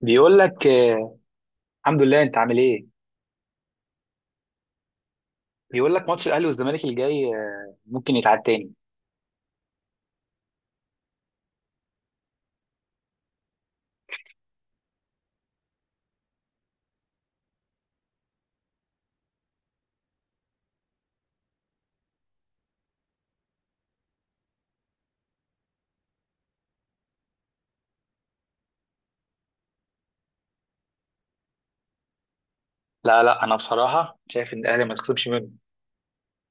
بيقول لك آه. الحمد لله، انت عامل ايه؟ بيقول لك ماتش الاهلي والزمالك الجاي ممكن يتعاد تاني. لا لا، انا بصراحه شايف ان الاهلي ما يتخصمش منه.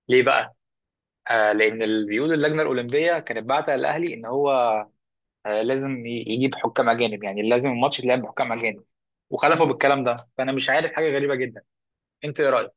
ليه بقى؟ آه، لان اللي بيقول اللجنه الاولمبيه كانت بعت الاهلي ان هو آه، لازم يجيب حكام اجانب، يعني لازم الماتش يتلعب بحكام اجانب. وخلفوا بالكلام ده، فانا مش عارف، حاجه غريبه جدا. انت ايه رايك؟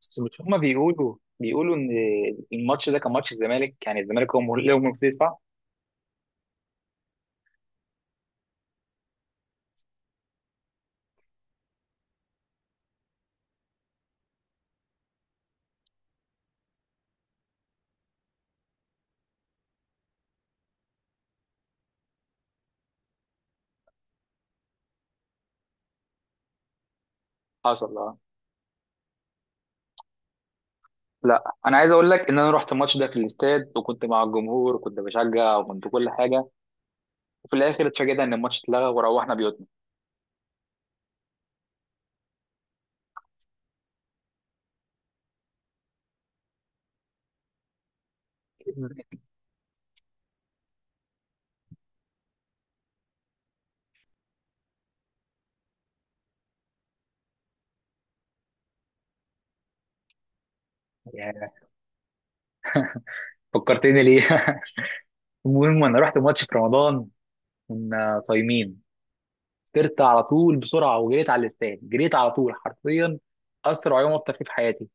بس مش هما بيقولوا ان الماتش ده كان ماتش الزمالك، يعني الزمالك هو اللي هو المفروض يدفع. حصل. لا، انا عايز اقول لك ان انا رحت الماتش ده في الاستاد، وكنت مع الجمهور، وكنت بشجع، وكنت كل حاجه. وفي الاخر اتفاجئنا ان الماتش اتلغى، وروحنا بيوتنا. ياه. فكرتني ليه؟ المهم، انا رحت الماتش في رمضان. كنا صايمين. فطرت على طول بسرعه، وجريت على الاستاد، جريت على طول حرفيا. اسرع يوم افطر فيه في حياتي.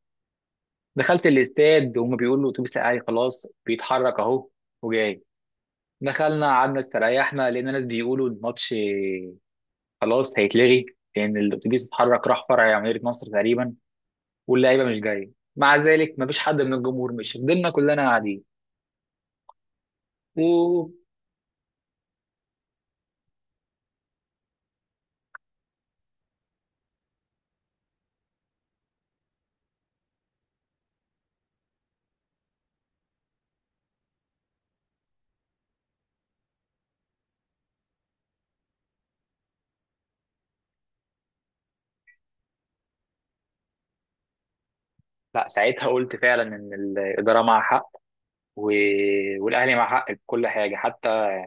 دخلت الاستاد وهم بيقولوا الاتوبيس الاهلي خلاص بيتحرك اهو. وجاي. دخلنا قعدنا استريحنا، لان الناس بيقولوا الماتش خلاص هيتلغي. لان الاتوبيس اتحرك، راح فرع جمهورية مصر تقريبا. واللعيبه مش جايه. مع ذلك مفيش حد من الجمهور مشي، فضلنا كلنا قاعدين. و لا، ساعتها قلت فعلا ان الاداره مع حق. و... والاهلي مع حق في كل حاجه، حتى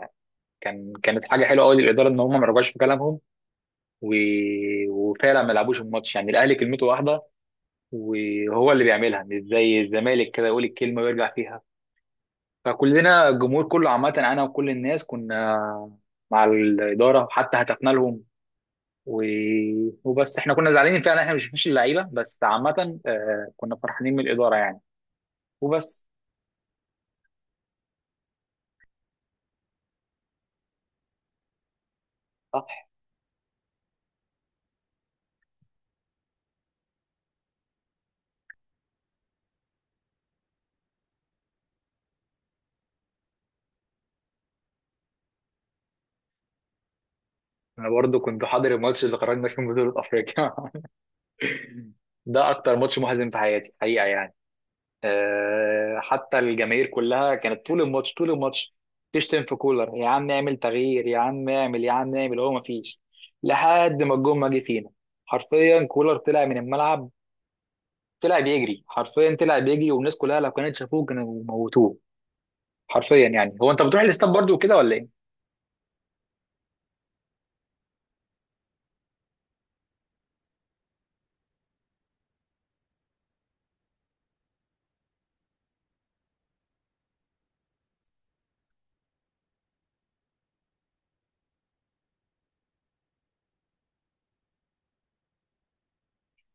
كانت حاجه حلوه قوي للاداره ان هم ما رجعوش في كلامهم. و... وفعلا ما لعبوش الماتش، يعني الاهلي كلمته واحده. وهو اللي بيعملها، مش زي الزمالك كده يقول الكلمه ويرجع فيها. فكلنا الجمهور كله، عامة أنا وكل الناس، كنا مع الإدارة، حتى هتفنا لهم. و... وبس إحنا كنا زعلانين فعلا، إحنا مش اللعيبة، بس عامة كنا فرحانين من الإدارة، يعني. وبس. صح. أنا برضو كنت حاضر الماتش اللي خرجنا فيه من بطولة أفريقيا. ده أكتر ماتش محزن في حياتي حقيقة، يعني. حتى الجماهير كلها كانت طول الماتش طول الماتش تشتم في كولر، يا عم اعمل تغيير، يا عم اعمل، يا عم اعمل، هو مفيش. لحد ما الجون ما جه فينا. حرفيا كولر طلع من الملعب. طلع بيجري حرفيا، طلع بيجري، والناس كلها لو كانت شافوه كانوا موتوه. حرفيا يعني. هو انت بتروح الاستاد برضو وكده ولا ايه؟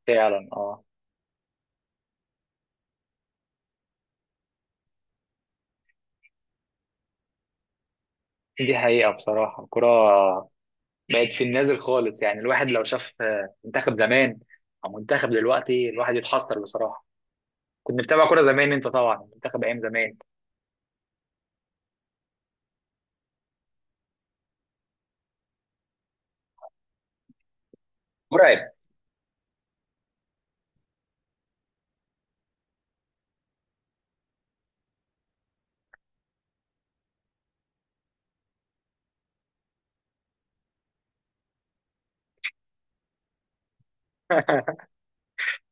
فعلا، اه. دي حقيقة، بصراحة الكرة بقت في النازل خالص، يعني الواحد لو شاف منتخب زمان أو منتخب دلوقتي، الواحد يتحسر بصراحة. كنت متابع كوره زمان، انت طبعا منتخب ايام زمان؟ مرعب.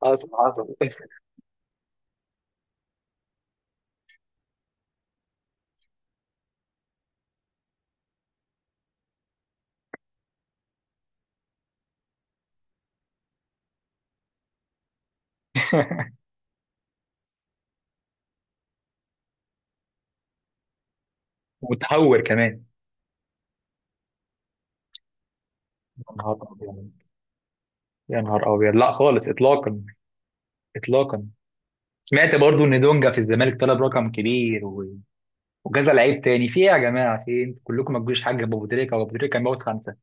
حصل حصل. متهور كمان. يا نهار ابيض. يا نهار ابيض، لا خالص اطلاقا. اطلاقا. سمعت برضو ان دونجا في الزمالك طلب رقم كبير وجزا لعيب تاني! في ايه يا جماعه؟ في ايه؟ انتوا كلكم ما تجوش حاجه ابو تريكه، وابو تريكه كان موت خمسه.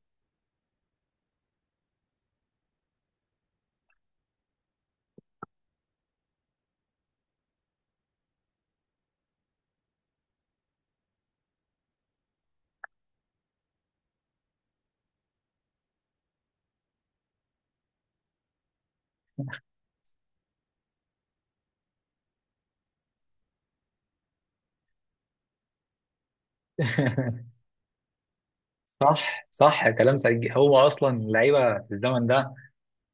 صح صح، كلام سجي. هو اصلا اللعيبه في الزمن ده ما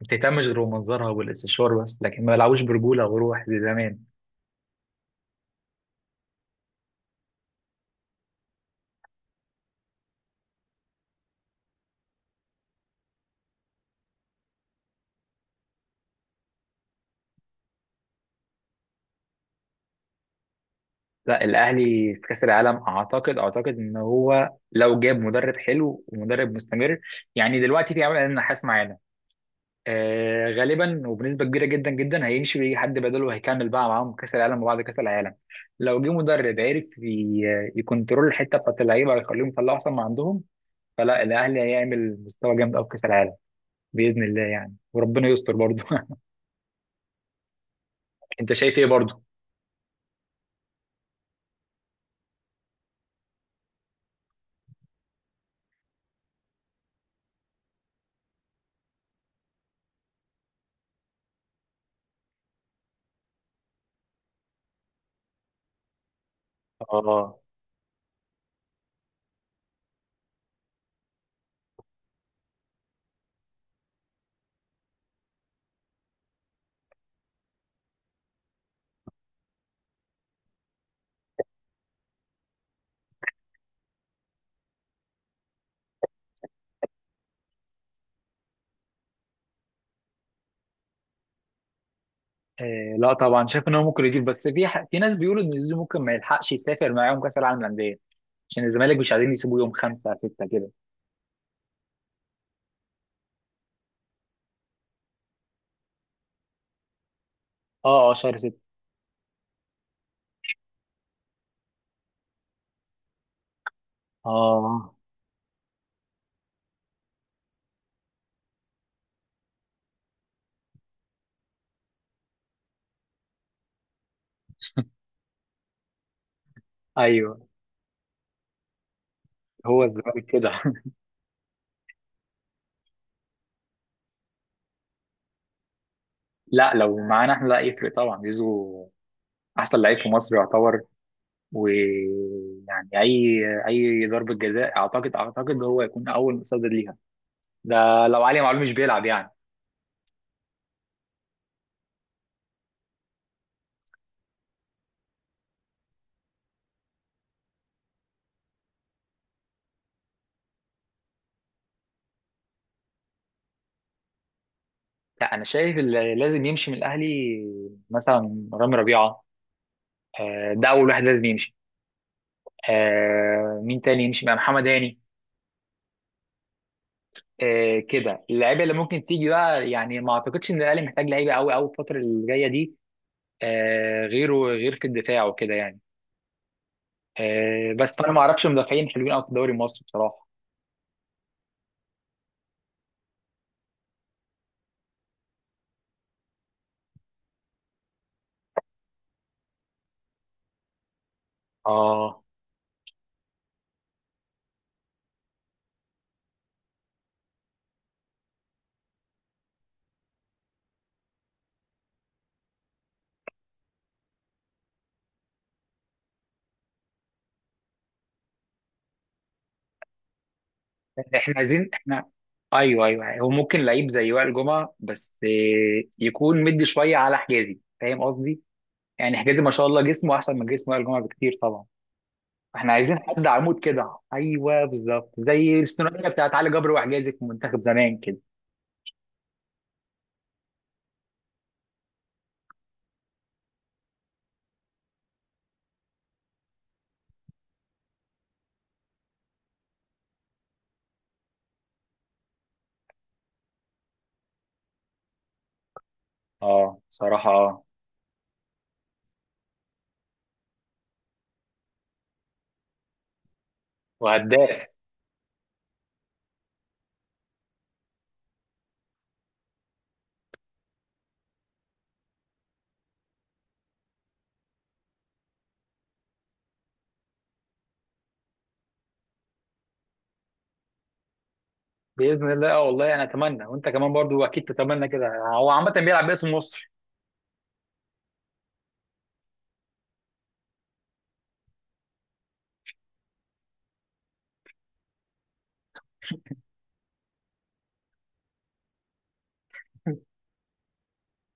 بتهتمش غير بمنظرها والاستشوار بس، لكن ما بيلعبوش برجوله وروح زي زمان. لا، الاهلي في كاس العالم اعتقد ان هو لو جاب مدرب حلو ومدرب مستمر، يعني دلوقتي في عمل النحاس معانا، غالبا وبنسبه كبيره جدا جدا هيمشي ويجي حد بداله، وهيكمل بقى معاهم كاس العالم وبعد كاس العالم. لو جه مدرب عرف يكنترول الحته بتاعت اللعيبه، ويخليهم يطلعوا احسن ما عندهم، فلا، الاهلي هيعمل مستوى جامد قوي في كاس العالم، باذن الله يعني، وربنا يستر برضه. انت شايف ايه برضه؟ اه. آه لا طبعا، شايف ان هو ممكن يضيف، بس في في ناس بيقولوا ان زيزو ممكن ما يلحقش يسافر معاهم كاس العالم للانديه، عشان الزمالك مش عايزين يسيبوه يوم خمسة ستة كده. اه اه، شهر ستة. اه. ايوه. هو الزمالك كده. لا، لو معانا احنا لا يفرق طبعا، زيزو احسن لعيب في مصر يعتبر. ويعني اي ضربه جزاء، اعتقد هو يكون اول مصدر ليها. ده لو علي معلول مش بيلعب، يعني. لا، انا شايف اللي لازم يمشي من الاهلي مثلا رامي ربيعه، ده اول واحد لازم يمشي. مين تاني يمشي؟ مع محمد هاني. كده اللعيبه اللي ممكن تيجي بقى، يعني ما اعتقدش ان الاهلي محتاج لعيبه قوي قوي الفتره اللي جايه دي. غيره، غير في الدفاع وكده يعني. بس انا ما اعرفش مدافعين حلوين قوي في الدوري المصري بصراحه. اه. احنا عايزين احنا ايوه ايوه، هو ممكن لعيب زي وائل جمعه، بس يكون مدي شويه على حجازي، فاهم قصدي؟ يعني حجازي ما شاء الله جسمه احسن من جسم وائل جمعه بكتير، طبعا. احنا عايزين حد عمود كده، ايوه بالظبط زي الثنائيه بتاعت علي جبر وحجازي في منتخب زمان كده. اه، بصراحه، اه. وهداف. باذن الله، اه والله انا اتمنى، وانت كمان برضو اكيد تتمنى كده. هو عامه بيلعب باسم مصر.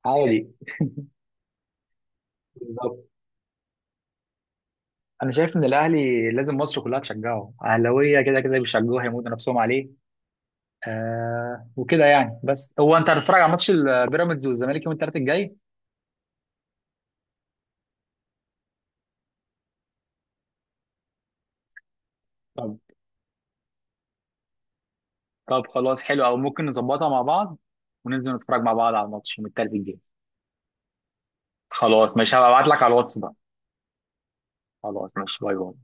عادي. بالظبط. انا شايف ان الاهلي لازم مصر كلها تشجعه، اهلاويه كده كده بيشجعوه هيموتوا نفسهم عليه، وكده يعني. بس هو، انت هتتفرج على ماتش البيراميدز والزمالك يوم الثلاث الجاي؟ طب. طب خلاص حلو، او ممكن نظبطها مع بعض، وننزل نتفرج مع بعض على الماتش يوم الثلاث الجاي. خلاص ماشي، هبعت لك على الواتس بقى. خلاص ماشي، باي باي.